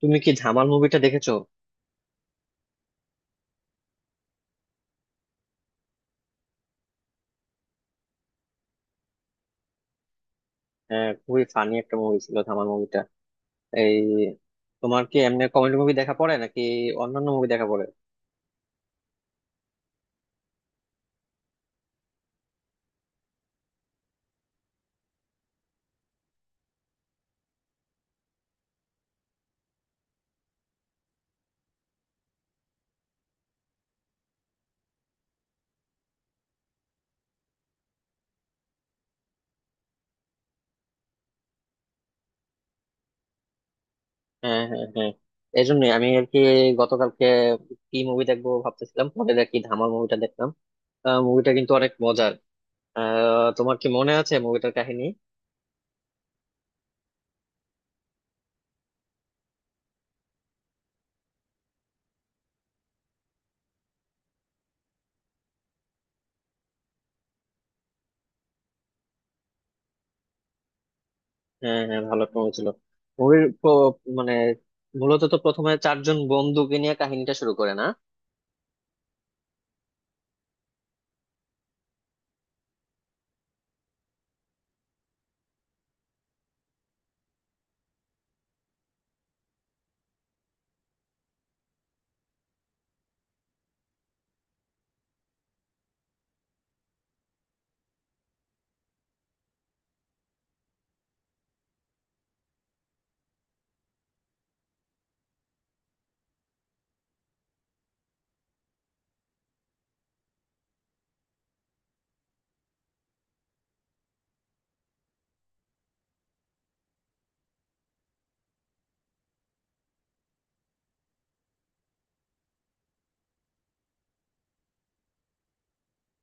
তুমি কি ধামাল মুভিটা দেখেছো? হ্যাঁ, খুবই ফানি একটা মুভি ছিল ধামাল মুভিটা। এই তোমার কি এমনি কমেডি মুভি দেখা পড়ে নাকি? অন্যান্য মুভি দেখা পড়ে? হ্যাঁ, হ্যাঁ, হ্যাঁ। এই জন্য আমি আর কি গতকালকে কি মুভি দেখবো ভাবতেছিলাম, পরে দেখি ধামাল মুভিটা দেখলাম। মুভিটা কিন্তু অনেক মজার। তোমার কি মনে আছে মুভিটার কাহিনী? হ্যাঁ, হ্যাঁ, ভালো একটা মুভি ছিল। মুভির মানে মূলত তো প্রথমে চারজন বন্ধুকে নিয়ে কাহিনীটা শুরু করে না?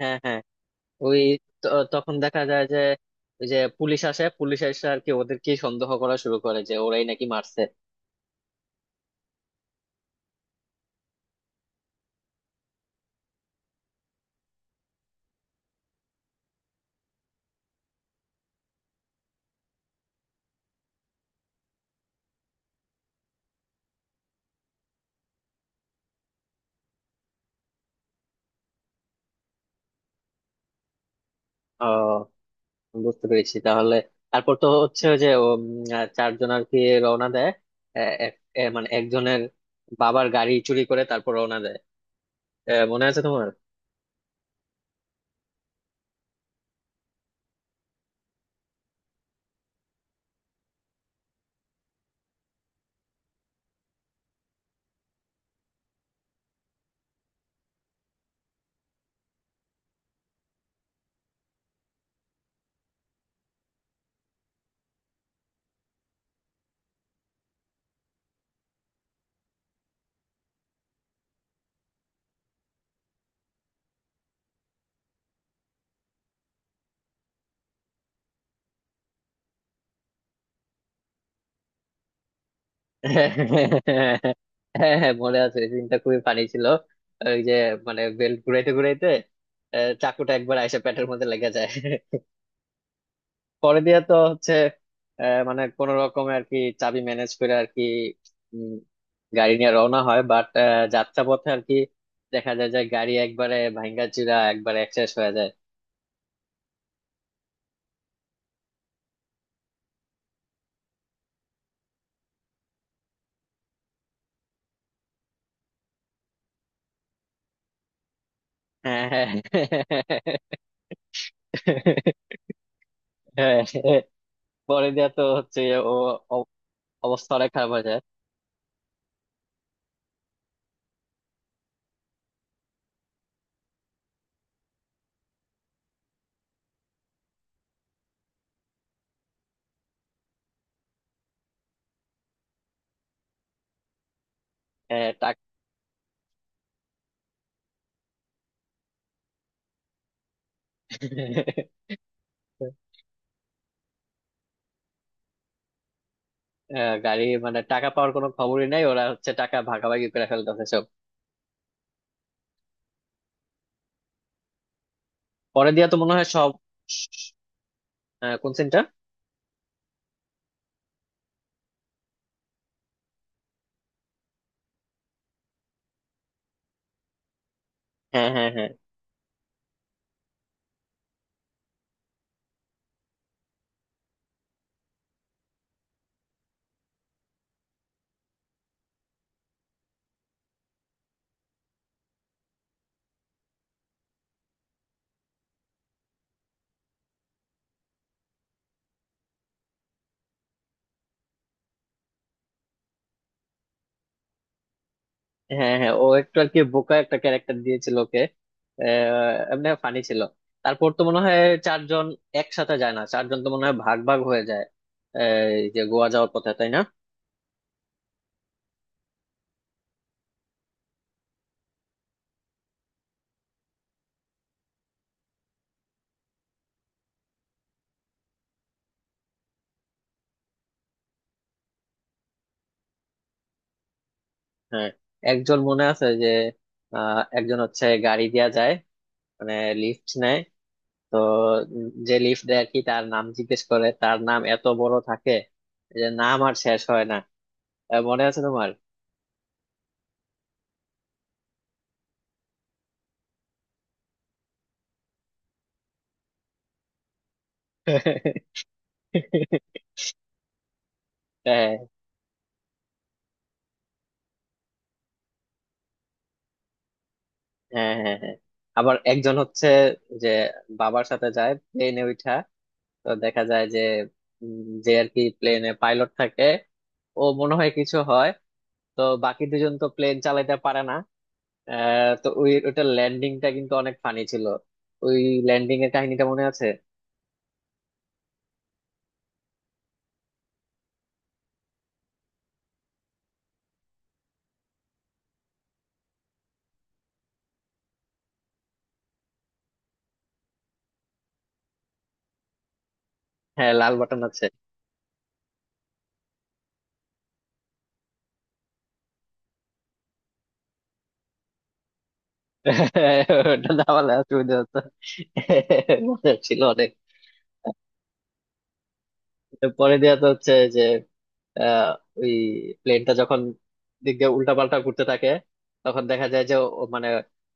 হ্যাঁ, হ্যাঁ। ওই তখন দেখা যায় যে ওই যে পুলিশ আসে, পুলিশ এসে আর কি ওদেরকে সন্দেহ করা শুরু করে যে ওরাই নাকি মারছে। ও, বুঝতে পেরেছি। তাহলে তারপর তো হচ্ছে ওই যে চারজন আর কি রওনা দেয়। এ- এক- এ মানে একজনের বাবার গাড়ি চুরি করে তারপর রওনা দেয়। মনে আছে তোমার? হ্যাঁ, হ্যাঁ, মনে আছে। এই দিনটা খুবই ফানি ছিল। ওই যে মানে বেল্ট ঘুরাইতে ঘুরাইতে চাকুটা একবার আইসা পেটের মধ্যে লেগে যায়। পরে দিয়ে তো হচ্ছে মানে কোন রকমে আর কি চাবি ম্যানেজ করে আর কি উম, গাড়ি নিয়ে রওনা হয়, বাট যাত্রা পথে আর কি দেখা যায় যে গাড়ি একবারে ভাঙ্গা চিরা একবারে শেষ হয়ে যায়। হ্যাঁ, হ্যাঁ, হ্যাঁ, হ্যাঁ। পরে দিয়ে তো হচ্ছে ও অ- অবস্থা অনেক খারাপ হয়ে যায়। হ্যাঁ, টাক- গাড়ি মানে টাকা পাওয়ার কোনো খবরই নাই, ওরা হচ্ছে টাকা ভাগাভাগি করে ফেলতেছে সব। পরে দিয়ে তো মনে হয় সব। কোন সিনটা? হ্যাঁ, হ্যাঁ, হ্যাঁ, হ্যাঁ, হ্যাঁ। ও একটু আর কি বোকা একটা ক্যারেক্টার দিয়েছিল ওকে। এমনি ফানি ছিল। তারপর তো মনে হয় চারজন একসাথে যায় না, চারজন তো মনে হয় ভাগ ভাগ হয়ে যায়। আহ, এই যে গোয়া যাওয়ার পথে, তাই না? হ্যাঁ। একজন মনে আছে যে একজন হচ্ছে গাড়ি দিয়া যায়, মানে লিফট নেয়। তো যে লিফট দেয় আর কি তার নাম জিজ্ঞেস করে, তার নাম এত বড় থাকে যে নাম আর শেষ হয় না। মনে আছে তোমার? হ্যাঁ, হ্যাঁ, হ্যাঁ, হ্যাঁ, হ্যাঁ। আবার একজন হচ্ছে যে বাবার সাথে যায় প্লেনে উঠা। তো দেখা যায় যে যে আর কি প্লেনে পাইলট থাকে। ও মনে হয় কিছু হয়। তো বাকি দুজন তো প্লেন চালাতে পারে না। তো ওই ওটা ল্যান্ডিংটা কিন্তু অনেক ফানি ছিল। ওই ল্যান্ডিং এর কাহিনীটা মনে আছে? হ্যাঁ, লাল বাটন আছে। ওটা দাবালে অসুবিধা হতো। মজা ছিল অনেক। পরে দেয়া তো হচ্ছে যে আহ, ওই প্লেনটা যখন দিক দিয়ে উল্টা পাল্টা ঘুরতে থাকে, তখন দেখা যায় যে মানে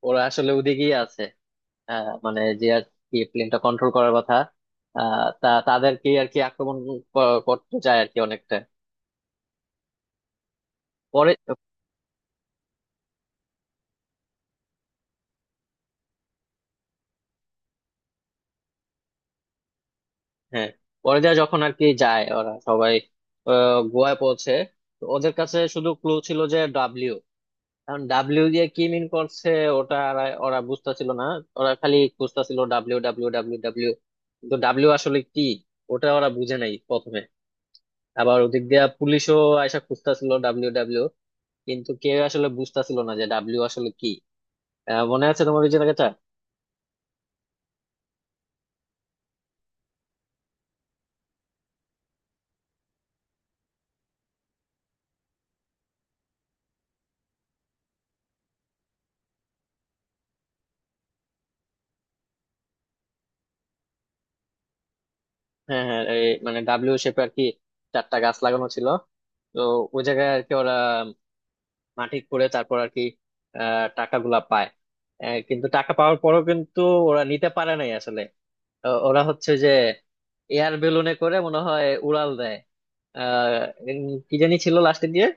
ওরা আসলে ওদিকেই আছে। মানে যে আর কি প্লেনটা কন্ট্রোল করার কথা। তা তাদেরকে আর কি আক্রমণ করতে যায় আর কি অনেকটা পরে। হ্যাঁ। পরে দেয়া যখন আর কি যায় ওরা সবাই গোয়ায় পৌঁছে। তো ওদের কাছে শুধু ক্লু ছিল যে ডাব্লিউ। কারণ ডাব্লিউ দিয়ে কি মিন করছে ওটা ওরা বুঝতেছিল না। ওরা খালি বুঝতেছিল ডাব্লিউ, ডাব্লিউ, ডাব্লিউ, ডাব্লিউ। কিন্তু ডাব্লিউ আসলে কি, ওটা ওরা বুঝে নাই প্রথমে। আবার ওদিক দিয়ে পুলিশও আয়সা খুঁজতেছিল ডাব্লিউ, ডাব্লিউ। কিন্তু কেউ আসলে বুঝতেছিল না যে ডাব্লিউ আসলে কি। মনে আছে তোমার ওই জায়গাটা? হ্যাঁ, হ্যাঁ, এই মানে ডাব্লিউ শেপে আর কি চারটা গাছ লাগানো ছিল। তো ওই জায়গায় আর কি ওরা মাটি করে তারপর আর কি টাকাগুলা পায়। কিন্তু টাকা পাওয়ার পরও কিন্তু ওরা নিতে পারে নাই আসলে। ওরা হচ্ছে যে এয়ার বেলুনে করে মনে হয় উড়াল দেয়। আহ উম, কি জানি ছিল লাস্টের দিয়ে।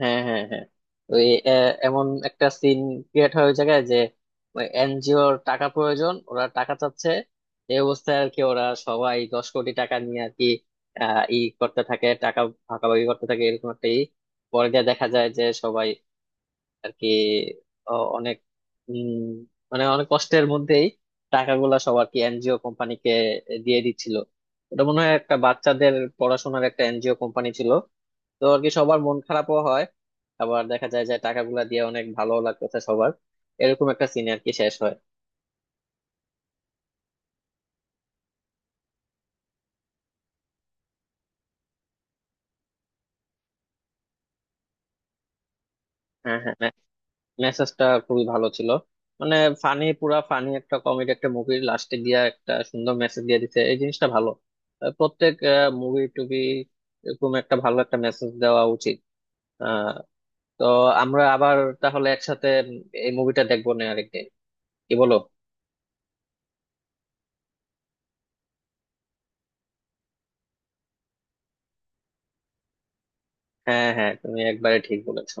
হ্যাঁ, হ্যাঁ, হ্যাঁ, ওই এমন একটা সিন ক্রিয়েট হয় ওই জায়গায় যে এনজিওর টাকা প্রয়োজন, ওরা টাকা চাচ্ছে। এই অবস্থায় আর কি ওরা সবাই 10 কোটি টাকা নিয়ে আর কি ই করতে থাকে, টাকা ভাগাভাগি করতে থাকে এরকম একটা ই। পরে গিয়ে দেখা যায় যে সবাই আর কি অনেক উম, মানে অনেক কষ্টের মধ্যেই টাকাগুলা সব আর কি এনজিও কোম্পানিকে দিয়ে দিচ্ছিল। ওটা মনে হয় একটা বাচ্চাদের পড়াশোনার একটা এনজিও কোম্পানি ছিল। তো আর কি সবার মন খারাপও হয়, আবার দেখা যায় যে টাকাগুলা দিয়ে অনেক ভালো লাগতেছে সবার। এরকম একটা সিন আর কি শেষ হয়। হ্যাঁ, হ্যাঁ, মেসেজটা খুবই ভালো ছিল। মানে ফানি, পুরা ফানি একটা কমেডি একটা মুভির লাস্টে গিয়া একটা সুন্দর মেসেজ দিয়ে দিতে, এই জিনিসটা ভালো। প্রত্যেক মুভি টুবি এরকম একটা ভালো একটা মেসেজ দেওয়া উচিত। আহ তো আমরা আবার তাহলে একসাথে এই মুভিটা দেখবো না আরেকদিন? কি বলো? হ্যাঁ, হ্যাঁ, তুমি একবারে ঠিক বলেছ।